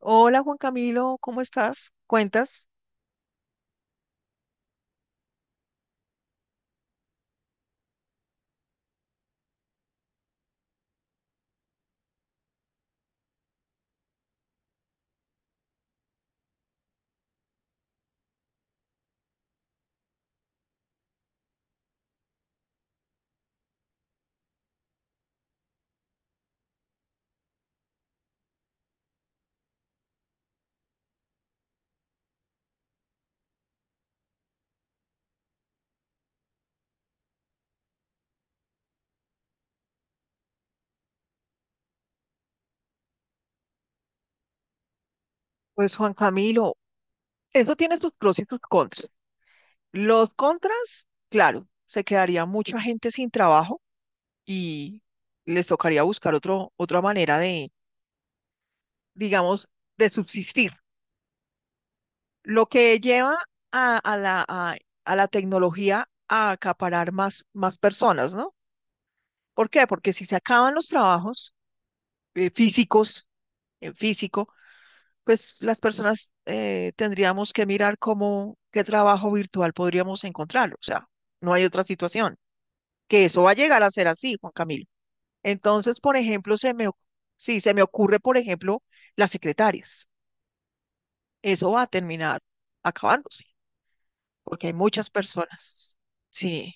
Hola Juan Camilo, ¿cómo estás? ¿Cuentas? Pues Juan Camilo, eso tiene sus pros y sus contras. Los contras, claro, se quedaría mucha gente sin trabajo y les tocaría buscar otra manera de, digamos, de subsistir. Lo que lleva a, a la, a, a la tecnología a acaparar más personas, ¿no? ¿Por qué? Porque si se acaban los trabajos físicos, en físico, pues las personas tendríamos que mirar qué trabajo virtual podríamos encontrar. O sea, no hay otra situación, que eso va a llegar a ser así, Juan Camilo. Entonces, por ejemplo, sí, se me ocurre, por ejemplo, las secretarias. Eso va a terminar acabándose, porque hay muchas personas. Sí,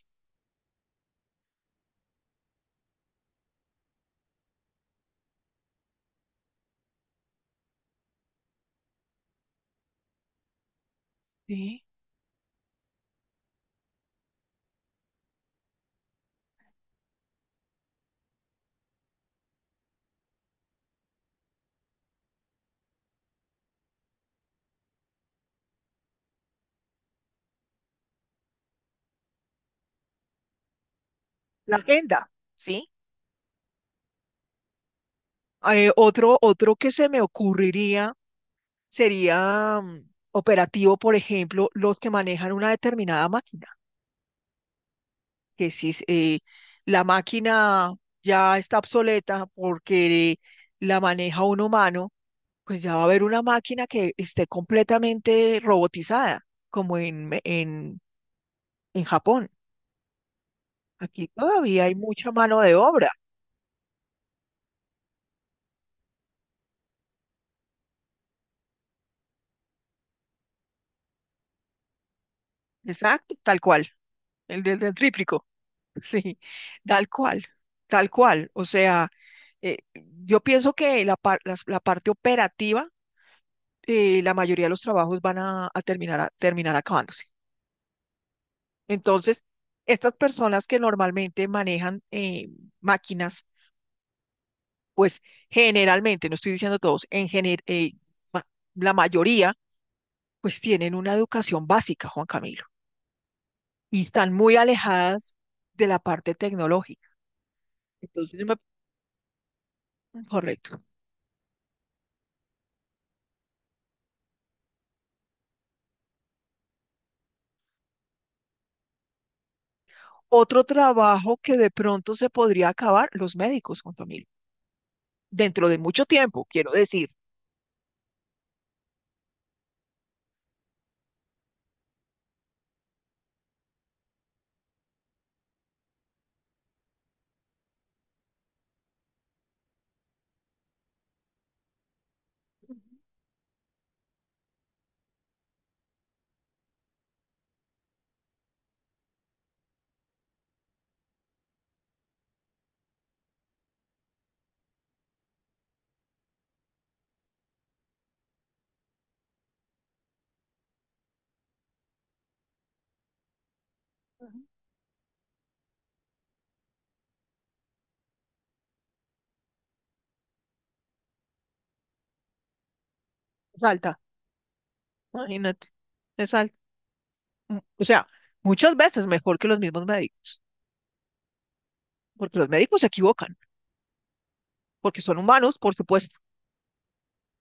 sí. La agenda, ¿sí? Otro que se me ocurriría sería operativo, por ejemplo, los que manejan una determinada máquina, que si la máquina ya está obsoleta porque la maneja un humano, pues ya va a haber una máquina que esté completamente robotizada, como en Japón. Aquí todavía hay mucha mano de obra. Exacto, tal cual, el del tríplico. Sí, tal cual, tal cual. O sea, yo pienso que la parte operativa, la mayoría de los trabajos van a terminar acabándose. Entonces, estas personas que normalmente manejan máquinas, pues generalmente, no estoy diciendo todos, ma- la mayoría, pues tienen una educación básica, Juan Camilo, y están muy alejadas de la parte tecnológica. Entonces, correcto. Otro trabajo que de pronto se podría acabar, los médicos, Juan Camilo, dentro de mucho tiempo, quiero decir. Salta, imagínate, es alta. O sea, muchas veces mejor que los mismos médicos, porque los médicos se equivocan porque son humanos, por supuesto.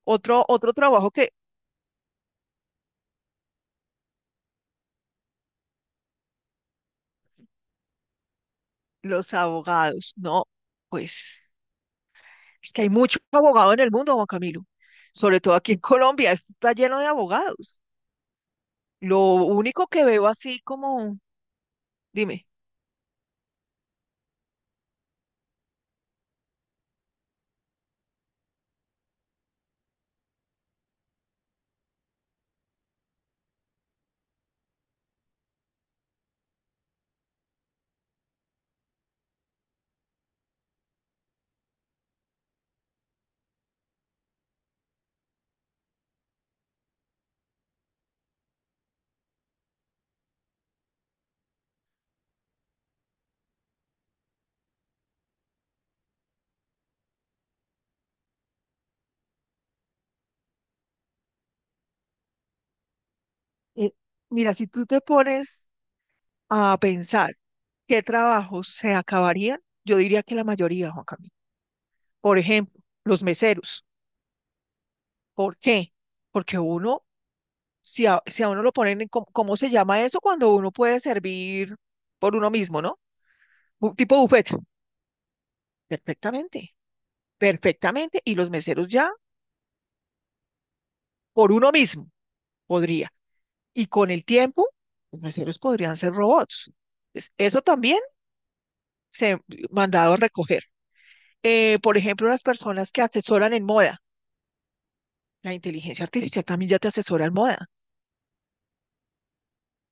Otro trabajo que los abogados, no, pues es que hay mucho abogado en el mundo, Juan Camilo, sobre todo aquí en Colombia, esto está lleno de abogados. Lo único que veo así como, dime, eh, mira, si tú te pones a pensar qué trabajos se acabarían, yo diría que la mayoría, Juan Camilo. Por ejemplo, los meseros. ¿Por qué? Porque uno, si a uno lo ponen ¿cómo se llama eso? Cuando uno puede servir por uno mismo, ¿no? Tipo buffet. Perfectamente, perfectamente. Y los meseros ya por uno mismo podría. Y con el tiempo, los meseros podrían ser robots. Eso también se ha mandado a recoger. Por ejemplo, las personas que asesoran en moda. La inteligencia artificial también ya te asesora en moda.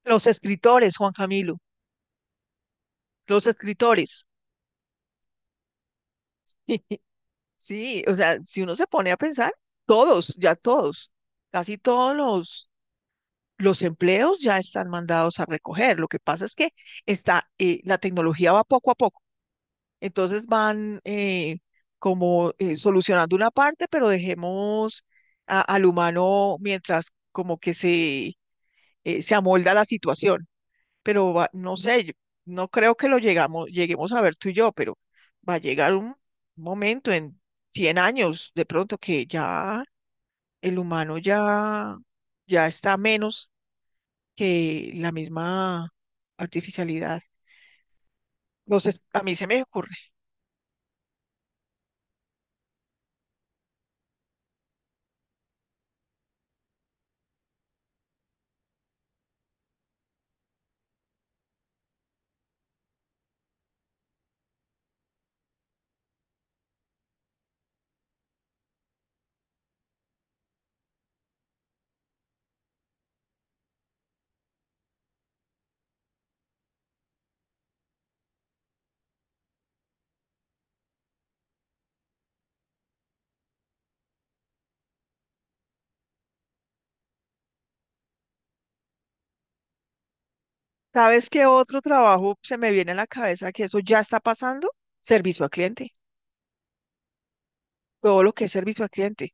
Los escritores, Juan Camilo, los escritores. Sí, o sea, si uno se pone a pensar, todos, ya todos, casi todos los empleos ya están mandados a recoger. Lo que pasa es que la tecnología va poco a poco. Entonces van como solucionando una parte, pero dejemos al humano mientras como que se amolda la situación, pero no sé, yo no creo que lo lleguemos a ver tú y yo, pero va a llegar un momento en 100 años de pronto que ya el humano ya está menos que la misma artificialidad. Entonces, a mí se me ocurre. ¿Sabes qué otro trabajo se me viene a la cabeza que eso ya está pasando? Servicio al cliente. Todo lo que es servicio al cliente.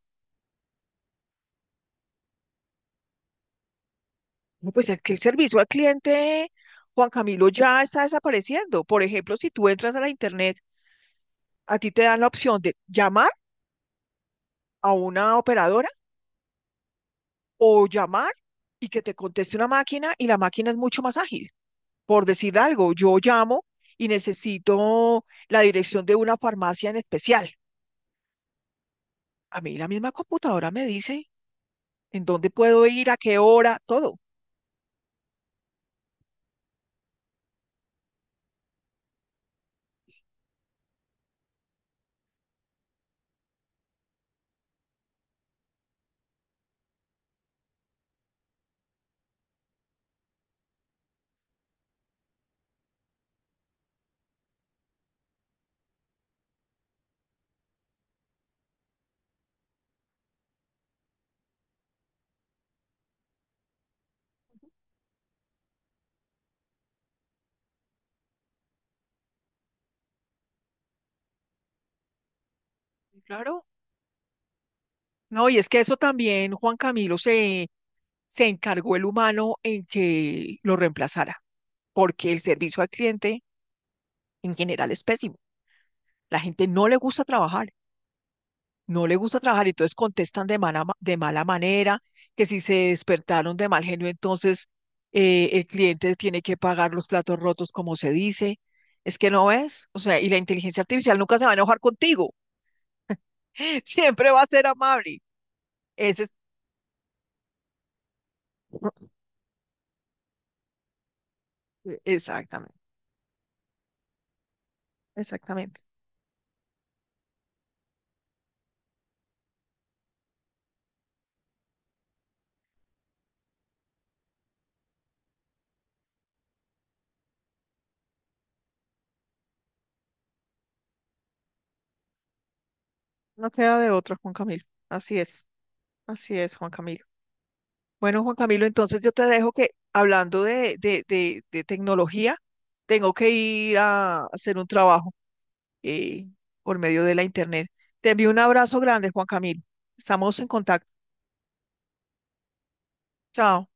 No, pues es que el servicio al cliente, Juan Camilo, ya está desapareciendo. Por ejemplo, si tú entras a la internet, a ti te dan la opción de llamar a una operadora o llamar y que te conteste una máquina, y la máquina es mucho más ágil. Por decir algo, yo llamo y necesito la dirección de una farmacia en especial. A mí la misma computadora me dice en dónde puedo ir, a qué hora, todo. Claro. No, y es que eso también, Juan Camilo, se encargó el humano en que lo reemplazara, porque el servicio al cliente en general es pésimo. La gente no le gusta trabajar, y entonces contestan de mala manera, que si se despertaron de mal genio, entonces el cliente tiene que pagar los platos rotos, como se dice. Es que no ves, o sea, y la inteligencia artificial nunca se va a enojar contigo, siempre va a ser amable. Ese es- Exactamente, exactamente. No queda de otra, Juan Camilo. Así es, Juan Camilo. Bueno, Juan Camilo, entonces yo te dejo, que hablando de tecnología, tengo que ir a hacer un trabajo eh, por medio de la internet. Te envío un abrazo grande, Juan Camilo. Estamos en contacto. Chao.